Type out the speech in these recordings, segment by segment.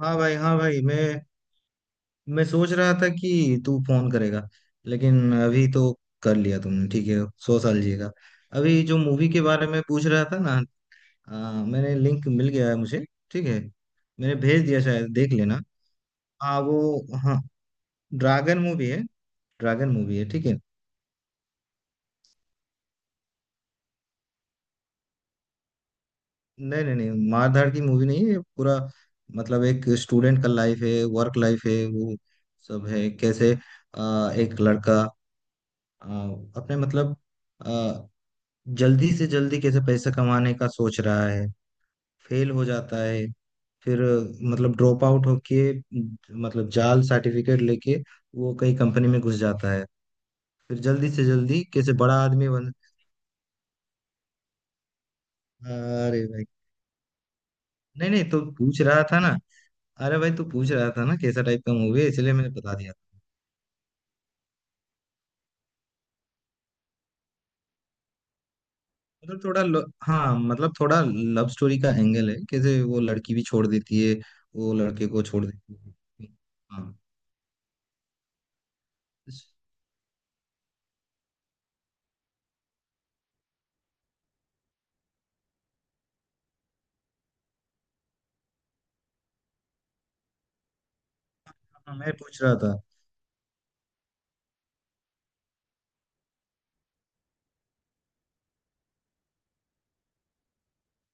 हाँ भाई, हाँ भाई। मैं सोच रहा था कि तू फोन करेगा, लेकिन अभी तो कर लिया तुमने, ठीक है। 100 साल जिएगा। अभी जो मूवी के बारे में पूछ रहा था ना, मैंने लिंक मिल गया है मुझे। ठीक है। मैंने भेज दिया, शायद देख लेना। हाँ वो, हाँ। ड्रैगन मूवी है। ड्रैगन मूवी है, ठीक है। नहीं, नहीं, नहीं, मारधाड़ की मूवी नहीं है ये। पूरा मतलब एक स्टूडेंट का लाइफ है, वर्क लाइफ है, वो सब है। कैसे? एक लड़का, आ, अपने मतलब जल्दी से जल्दी कैसे पैसा कमाने का सोच रहा है। फेल हो जाता है। फिर मतलब ड्रॉप आउट होके, मतलब जाल सर्टिफिकेट लेके वो कई कंपनी में घुस जाता है। फिर जल्दी से जल्दी कैसे बड़ा आदमी बन। अरे भाई, नहीं नहीं, तो पूछ रहा था ना। अरे भाई, तू पूछ रहा था ना कैसा टाइप का मूवी है, इसलिए मैंने बता दिया। मतलब हाँ, मतलब थोड़ा लव स्टोरी का एंगल है, कैसे वो लड़की भी छोड़ देती है, वो लड़के को छोड़ देती है। हाँ। हाँ, मैं पूछ रहा था।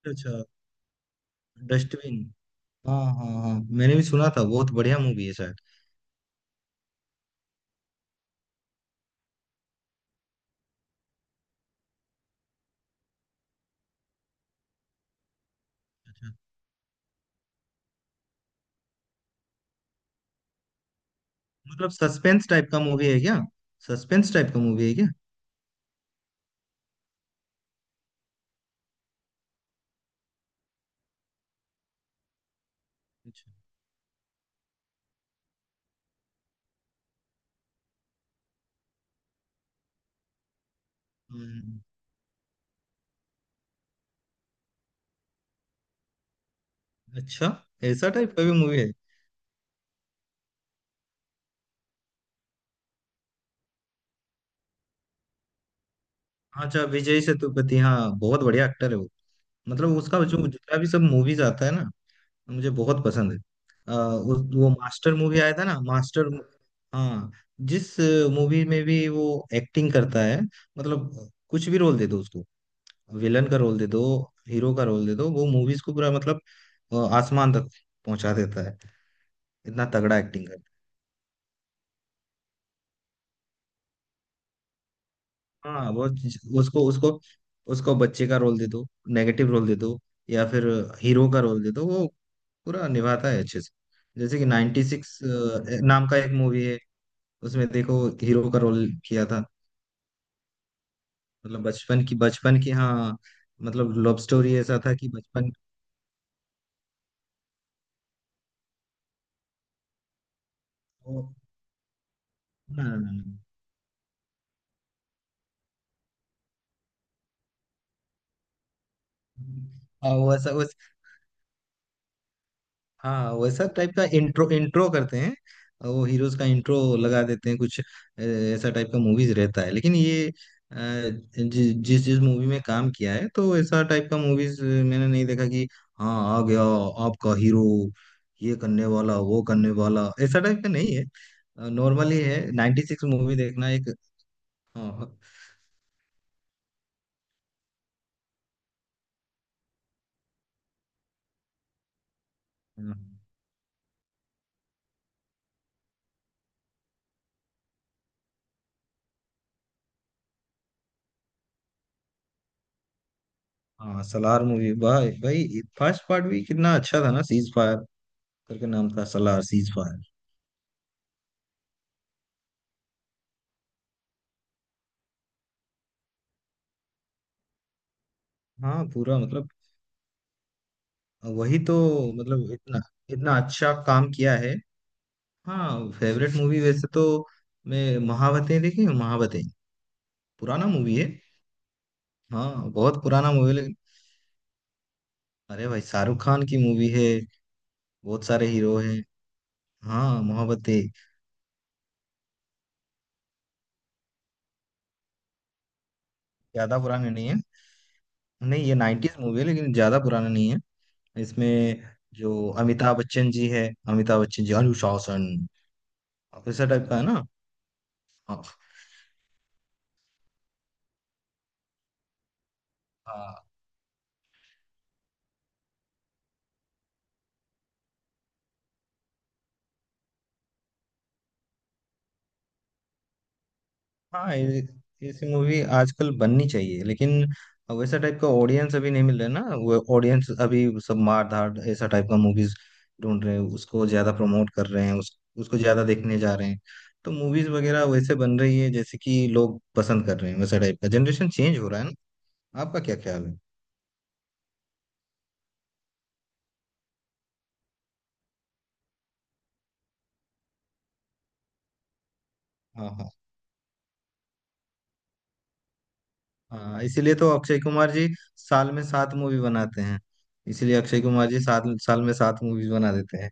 अच्छा। डस्टबिन, हाँ हाँ हाँ, मैंने भी सुना था बहुत बढ़िया मूवी है शायद। अच्छा। मतलब सस्पेंस टाइप का मूवी है क्या? सस्पेंस टाइप का मूवी है क्या? अच्छा। हम्म, अच्छा। ऐसा टाइप का भी मूवी है? अच्छा, विजय सेतुपति, हाँ बहुत बढ़िया एक्टर है वो। मतलब उसका जो जितना भी सब मूवीज आता है ना, मुझे बहुत पसंद है। उस वो मास्टर मूवी आया था ना, मास्टर। हाँ, जिस मूवी में भी वो एक्टिंग करता है, मतलब कुछ भी रोल दे दो उसको, विलन का रोल दे दो, हीरो का रोल दे दो, वो मूवीज को पूरा मतलब आसमान तक पहुंचा देता है। इतना तगड़ा एक्टिंग कर। हाँ वो उसको उसको उसको बच्चे का रोल दे दो, नेगेटिव रोल दे दो, या फिर हीरो का रोल दे दो, वो पूरा निभाता है अच्छे से। जैसे कि 96 सिक्स नाम का एक मूवी है, उसमें देखो हीरो का रोल किया था। मतलब बचपन की, बचपन की, हाँ मतलब लव स्टोरी ऐसा था कि बचपन। ओ, हाँ, हाँ, हाँ, हाँ, वैसा। हाँ वैसा टाइप का इंट्रो इंट्रो करते हैं, वो हीरोज का इंट्रो लगा देते हैं। कुछ ऐसा टाइप का मूवीज रहता है। लेकिन ये जिस जिस मूवी में काम किया है, तो ऐसा टाइप का मूवीज मैंने नहीं देखा कि हाँ आ गया आपका हीरो, ये करने वाला, वो करने वाला, ऐसा टाइप का नहीं है। नॉर्मली है। 96 मूवी देखना एक। हाँ हाँ हाँ, सलार मूवी, भाई भाई फर्स्ट पार्ट भी कितना अच्छा था ना, सीज फायर करके नाम था, सलार सीज फायर। हाँ पूरा मतलब, वही तो। मतलब इतना इतना अच्छा काम किया है। हाँ फेवरेट मूवी वैसे तो मैं महावतें देखी है, महावतें पुराना मूवी है। हाँ बहुत पुराना मूवी, लेकिन अरे भाई शाहरुख खान की मूवी है। बहुत सारे हीरो हैं। हाँ, महावतें। ज्यादा पुराने नहीं है। नहीं, ये नाइन्टीज मूवी है, लेकिन ज्यादा पुराना नहीं है। इसमें जो अमिताभ बच्चन जी है, अमिताभ बच्चन जी अनुशासन ऑफिसर टाइप का है ना। हाँ। हाँ, हाँ, ऐसी मूवी आजकल बननी चाहिए, लेकिन वैसा टाइप का ऑडियंस अभी नहीं मिल रहा है ना। वो ऑडियंस अभी सब मार धाड़ ऐसा टाइप का मूवीज ढूंढ रहे हैं, उसको ज्यादा प्रमोट कर रहे हैं, उसको ज्यादा देखने जा रहे हैं। तो मूवीज वगैरह वैसे बन रही है जैसे कि लोग पसंद कर रहे हैं। वैसा टाइप का जनरेशन चेंज हो रहा है ना। आपका क्या ख्याल है? हाँ हाँ हाँ, इसीलिए तो अक्षय कुमार जी साल में सात मूवी बनाते हैं। इसीलिए अक्षय कुमार जी 7 साल में सात मूवीज बना देते हैं।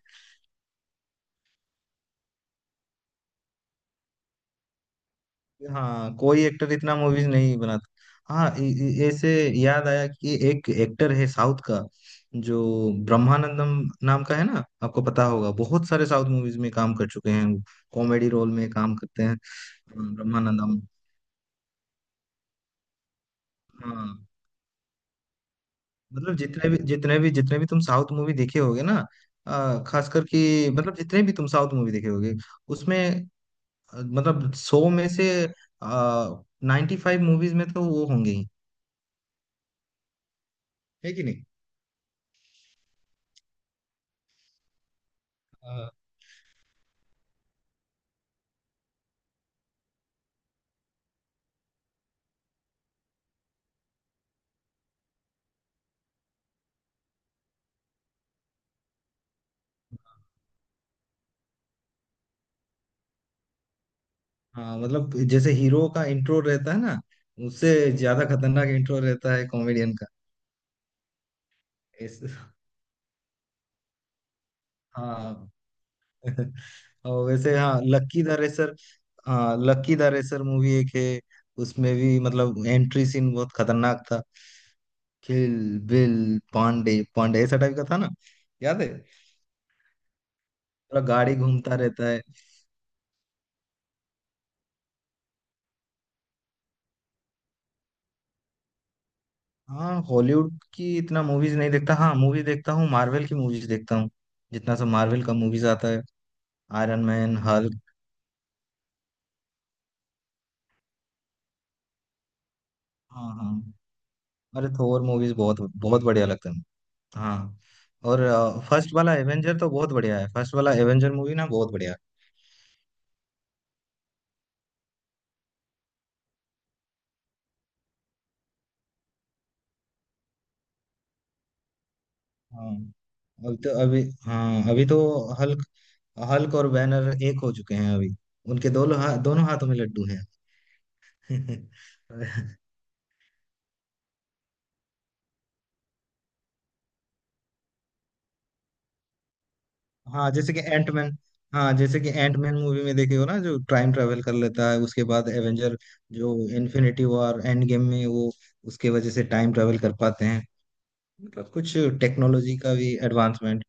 हाँ कोई एक्टर इतना मूवीज नहीं बनाता। हाँ ऐसे याद आया कि एक एक्टर है साउथ का, जो ब्रह्मानंदम नाम का है ना, आपको पता होगा। बहुत सारे साउथ मूवीज में काम कर चुके हैं, कॉमेडी रोल में काम करते हैं। हाँ, ब्रह्मानंदम। हाँ मतलब जितने भी तुम साउथ मूवी देखे होगे ना, खास करके मतलब जितने भी तुम साउथ मूवी देखे होगे उसमें मतलब 100 में से 95 मूवीज में तो वो होंगे ही। है कि नहीं? हाँ मतलब जैसे हीरो का इंट्रो रहता है ना, उससे ज्यादा खतरनाक इंट्रो रहता है कॉमेडियन का। इस हाँ। और वैसे, हाँ लक्की द रेसर। हाँ लक्की द रेसर मूवी एक है, उसमें भी मतलब एंट्री सीन बहुत खतरनाक था। किल बिल, पांडे पांडे, ऐसा टाइप का था ना, याद है? पूरा गाड़ी घूमता रहता है। हाँ, हॉलीवुड की इतना मूवीज नहीं देखता। हाँ मूवी देखता हूँ, मार्वल की मूवीज देखता हूँ। जितना सब मार्वल का मूवीज आता है, आयरन मैन, हल्क। हाँ हाँ, अरे थोर मूवीज बहुत बहुत बढ़िया लगते हैं। हाँ, और फर्स्ट वाला एवेंजर तो बहुत बढ़िया है, फर्स्ट वाला एवेंजर मूवी ना बहुत बढ़िया है। हाँ अभी तो, अभी हाँ, अभी तो हल्क हल्क और बैनर एक हो चुके हैं अभी। उनके दोनों दोनों हाथों में लड्डू हैं। हाँ, जैसे कि एंटमैन। हाँ, जैसे कि एंटमैन मूवी में देखे हो ना, जो टाइम ट्रेवल कर लेता है, उसके बाद एवेंजर जो इन्फिनिटी वॉर एंड गेम में, वो उसके वजह से टाइम ट्रेवल कर पाते हैं, मतलब कुछ टेक्नोलॉजी का भी एडवांसमेंट।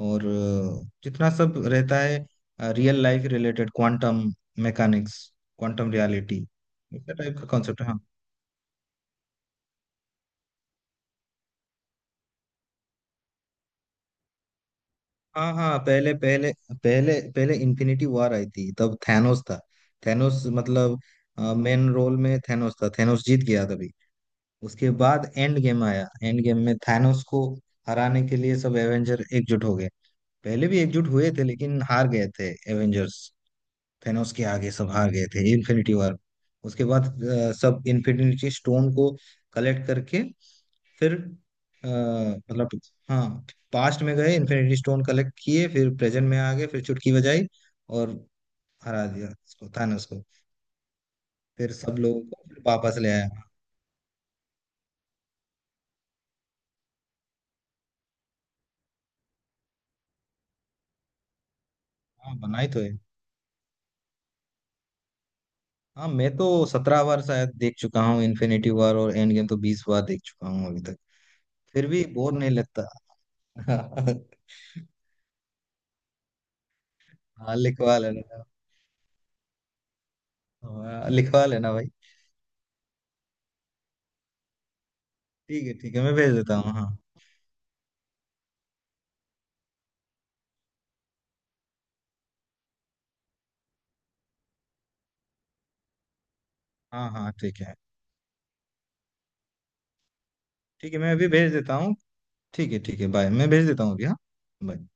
और जितना सब रहता है real life related, quantum mechanics, quantum reality, ऐसा टाइप का कॉन्सेप्ट है। हाँ हाँ हाँ, पहले पहले, पहले पहले इन्फिनिटी वॉर आई थी, तब थैनोस था। थैनोस मतलब मेन रोल में थैनोस था। थैनोस जीत गया तभी। उसके बाद एंड गेम आया, एंड गेम में थैनोस को हराने के लिए सब एवेंजर एकजुट हो गए। पहले भी एकजुट हुए थे, लेकिन हार गए थे एवेंजर्स। थेनोस के आगे सब हार गए थे इन्फिनिटी वॉर। उसके बाद सब इन्फिनिटी स्टोन को कलेक्ट करके, फिर मतलब हाँ, पास्ट में गए, इन्फिनिटी स्टोन कलेक्ट किए, फिर प्रेजेंट में आ गए, फिर चुटकी बजाई और हरा दिया उसको, थानोस को। फिर सब लोगों को फिर वापस ले आया। हाँ, बनाई तो है। हाँ, मैं तो 17 बार शायद देख चुका हूँ इन्फिनिटी वॉर, और एंड गेम तो 20 बार देख चुका हूँ अभी तक। फिर भी बोर नहीं लगता। हाँ, लिखवा लेना। हाँ, लिखवा लेना भाई। ठीक है ठीक है, मैं भेज देता हूँ। हाँ। हाँ हाँ, ठीक है ठीक है, मैं अभी भेज देता हूँ। ठीक है ठीक है, बाय, मैं भेज देता हूँ अभी। हाँ। Bye.